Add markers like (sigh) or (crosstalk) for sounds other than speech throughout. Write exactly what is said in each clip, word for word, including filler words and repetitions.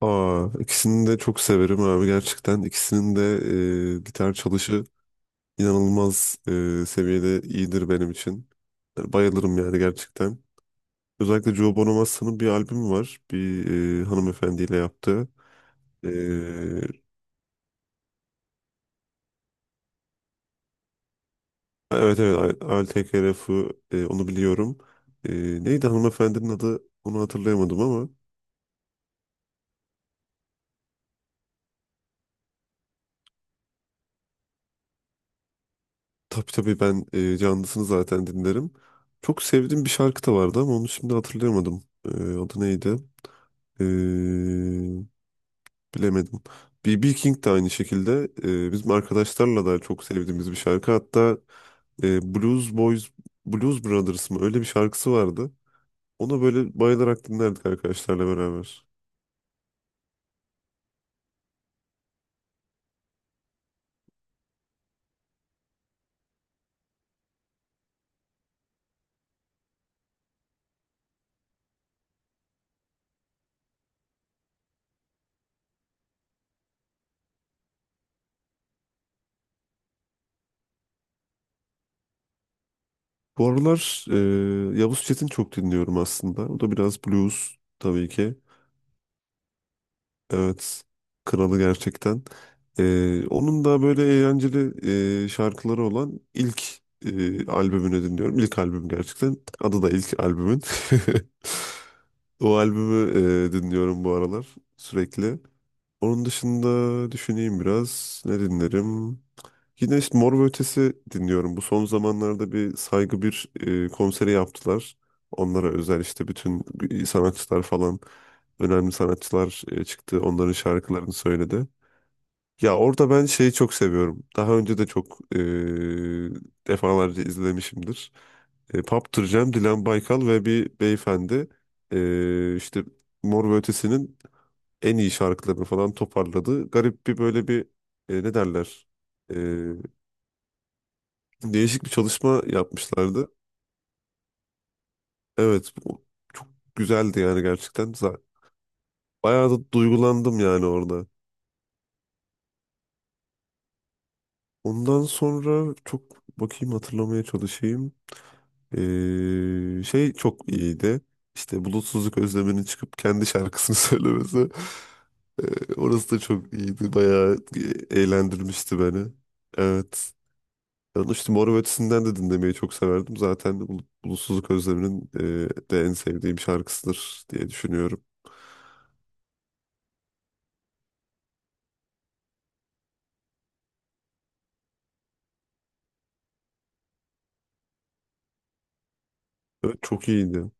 Aa, ikisini de çok severim abi gerçekten. İkisinin de e, gitar çalışı inanılmaz e, seviyede iyidir benim için. Yani bayılırım yani gerçekten. Özellikle Joe Bonamassa'nın bir albümü var. Bir e, hanımefendiyle yaptığı. E, evet evet A L T K R F'ı e, onu biliyorum. E, Neydi hanımefendinin adı onu hatırlayamadım ama. Tabii tabii ben e, canlısını zaten dinlerim. Çok sevdiğim bir şarkı da vardı ama onu şimdi hatırlayamadım. E, adı neydi? Ee, Bilemedim. B B. King de aynı şekilde e, bizim arkadaşlarla da çok sevdiğimiz bir şarkı. Hatta e, Blues Boys, Blues Brothers mı öyle bir şarkısı vardı. Ona böyle bayılarak dinlerdik arkadaşlarla beraber. Bu aralar e, Yavuz Çetin çok dinliyorum aslında. O da biraz blues tabii ki. Evet. Kralı gerçekten. Ee, onun da böyle eğlenceli e, şarkıları olan ilk e, albümünü dinliyorum. İlk albüm gerçekten. Adı da ilk albümün. (laughs) O albümü e, dinliyorum bu aralar sürekli. Onun dışında düşüneyim biraz. Ne dinlerim? Yine işte Mor ve Ötesi dinliyorum. Bu son zamanlarda bir Saygı bir e, konseri yaptılar. Onlara özel işte bütün sanatçılar falan önemli sanatçılar e, çıktı. Onların şarkılarını söyledi. Ya orada ben şeyi çok seviyorum. Daha önce de çok e, defalarca izlemişimdir. E, Paptır Cem, Dilan Baykal ve bir beyefendi e, işte Mor ve Ötesi'nin en iyi şarkılarını falan toparladı. Garip bir böyle bir e, ne derler? Değişik bir çalışma yapmışlardı. Evet, bu çok güzeldi yani gerçekten. Za- Bayağı da duygulandım yani orada. Ondan sonra çok bakayım hatırlamaya çalışayım. Ee, şey çok iyiydi. İşte bulutsuzluk özleminin çıkıp kendi şarkısını (laughs) söylemesi. Ee, orası da çok iyiydi. Bayağı e- eğlendirmişti beni. Evet. Ben işte Mor ve Ötesi'nden de dinlemeyi çok severdim. Zaten de Bul- Bulutsuzluk Özlemi'nin e, de en sevdiğim şarkısıdır diye düşünüyorum. Evet, çok iyiydi.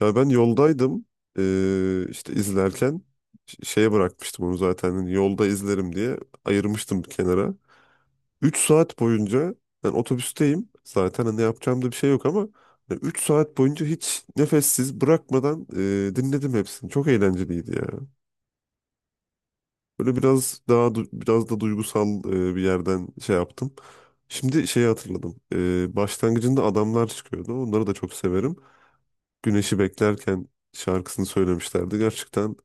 Ya ben yoldaydım e, işte izlerken ş- şeye bırakmıştım onu zaten hani yolda izlerim diye ayırmıştım bir kenara. Üç saat boyunca ben otobüsteyim zaten hani yapacağım da bir şey yok ama hani üç saat boyunca hiç nefessiz bırakmadan e, dinledim hepsini. Çok eğlenceliydi ya. Böyle biraz daha du- biraz da duygusal e, bir yerden şey yaptım. Şimdi şeyi hatırladım. E, başlangıcında adamlar çıkıyordu. Onları da çok severim. Güneşi beklerken şarkısını söylemişlerdi. Gerçekten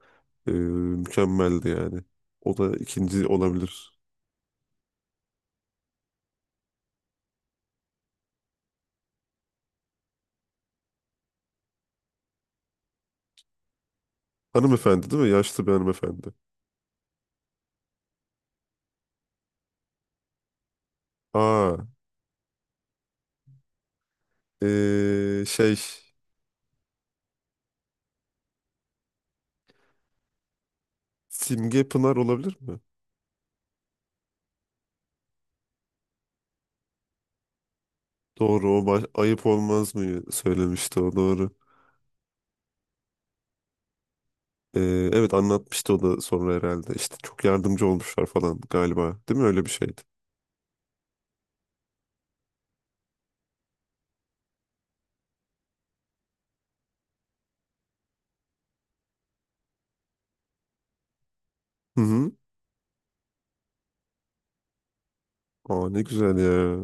e, mükemmeldi yani. O da ikinci olabilir. Hanımefendi değil mi? Yaşlı bir hanımefendi. Aa, e, şey Simge Pınar olabilir mi? Doğru o baş- ayıp olmaz mı söylemişti o doğru. Ee, evet anlatmıştı o da sonra herhalde. İşte çok yardımcı olmuşlar falan galiba. Değil mi? Öyle bir şeydi. Hı hı. Aa ne güzel ya.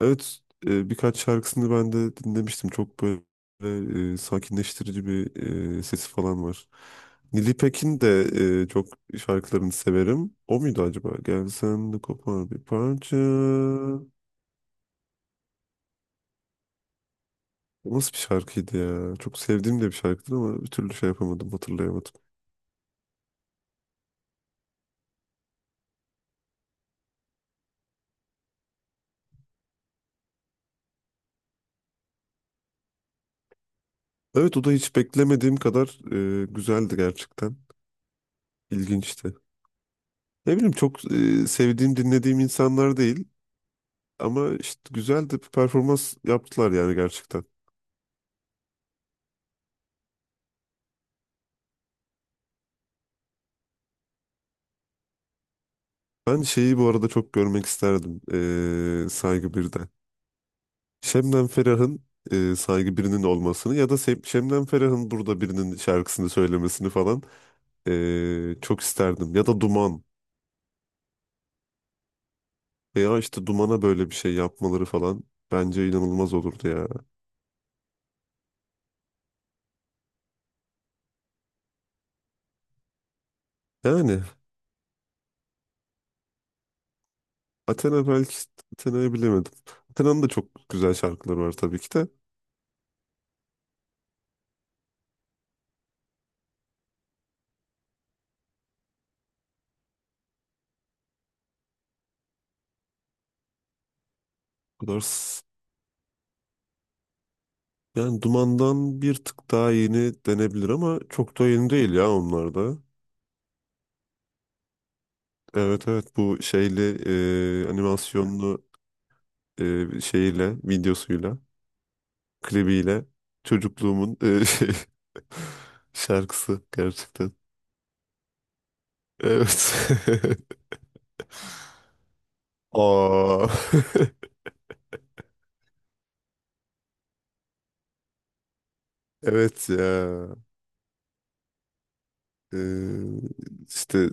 Evet e, birkaç şarkısını ben de dinlemiştim. Çok böyle e, sakinleştirici bir e, sesi falan var. Nili Pekin de e, çok şarkılarını severim. O muydu acaba? Gelsen de kopar bir parça. O nasıl bir şarkıydı ya? Çok sevdiğim de bir şarkıdır ama bir türlü şey yapamadım, hatırlayamadım. Evet o da hiç beklemediğim kadar e, güzeldi gerçekten. İlginçti. Ne bileyim çok e, sevdiğim, dinlediğim insanlar değil ama işte güzel de bir performans yaptılar yani gerçekten. Ben şeyi bu arada çok görmek isterdim e, Saygı birde. Şebnem Ferah'ın e, Saygı birinin olmasını ya da Se- Şebnem Ferah'ın burada birinin şarkısını söylemesini falan e, çok isterdim. Ya da Duman veya işte Duman'a böyle bir şey yapmaları falan bence inanılmaz olurdu ya. Yani Athena belki Athena'yı bilemedim. Athena'nın da çok güzel şarkıları var tabii ki de. kadar s- Yani Duman'dan bir tık daha yeni denebilir ama çok da yeni değil ya onlar da. Evet evet bu şeyli e, animasyonlu e, şeyiyle videosuyla klibiyle çocukluğumun e, (laughs) şey, şarkısı gerçekten. Evet. (laughs) Aa. (laughs) Evet ya. E, işte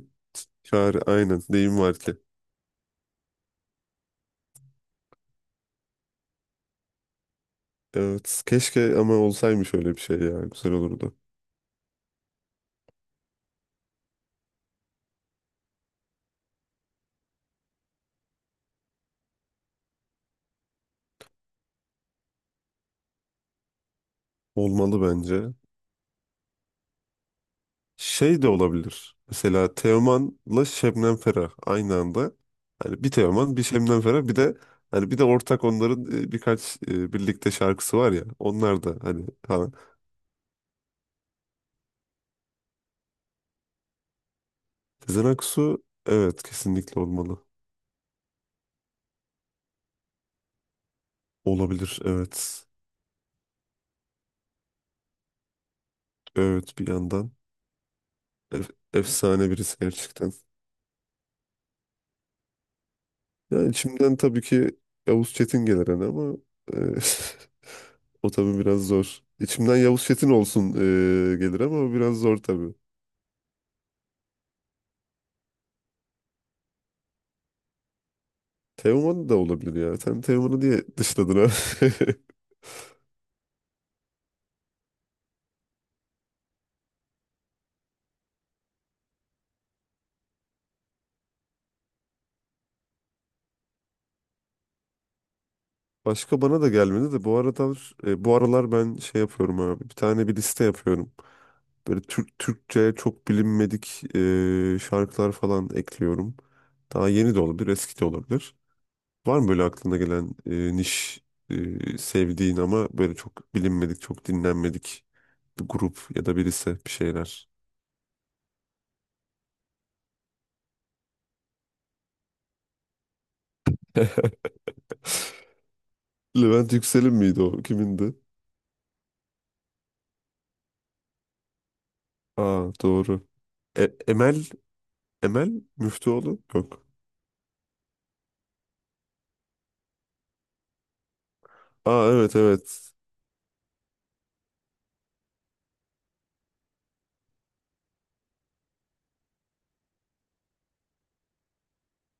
çare aynen deyim var ki. Evet keşke ama olsaymış öyle bir şey ya güzel olurdu. Olmalı bence. Şey de olabilir. Mesela Teoman'la Şebnem Ferah aynı anda. Hani bir Teoman, bir Şebnem Ferah, bir de hani bir de ortak onların e, birkaç e, birlikte şarkısı var ya. Onlar da hani ha. Sezen Aksu evet kesinlikle olmalı. Olabilir evet. Evet bir yandan Ef- efsane birisi gerçekten. Yani içimden tabii ki Yavuz Çetin gelir hani ama e, (laughs) o tabii biraz zor. İçimden Yavuz Çetin olsun e, gelir ama o biraz zor tabii. Teoman da olabilir ya. Sen Teoman'ı diye dışladın ha. (laughs) Başka bana da gelmedi de bu aralar e, bu aralar ben şey yapıyorum abi. Bir tane bir liste yapıyorum. Böyle Türk Türkçe çok bilinmedik e, şarkılar falan ekliyorum. Daha yeni de olabilir, eski de olabilir. Var mı böyle aklına gelen e, niş e, sevdiğin ama böyle çok bilinmedik, çok dinlenmedik bir grup ya da birisi bir şeyler? (laughs) Levent Yüksel'in miydi o? Kimindi? Aa doğru. E- Emel Emel Müftüoğlu? Yok. Aa evet evet.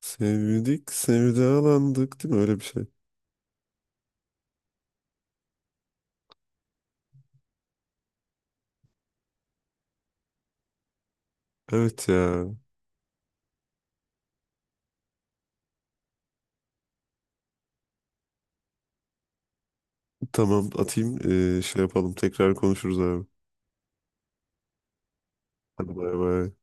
Sevdik, sevdalandık değil mi? Öyle bir şey. Evet ya. Tamam atayım. Ee, şey yapalım. Tekrar konuşuruz abi. Hadi bay bay.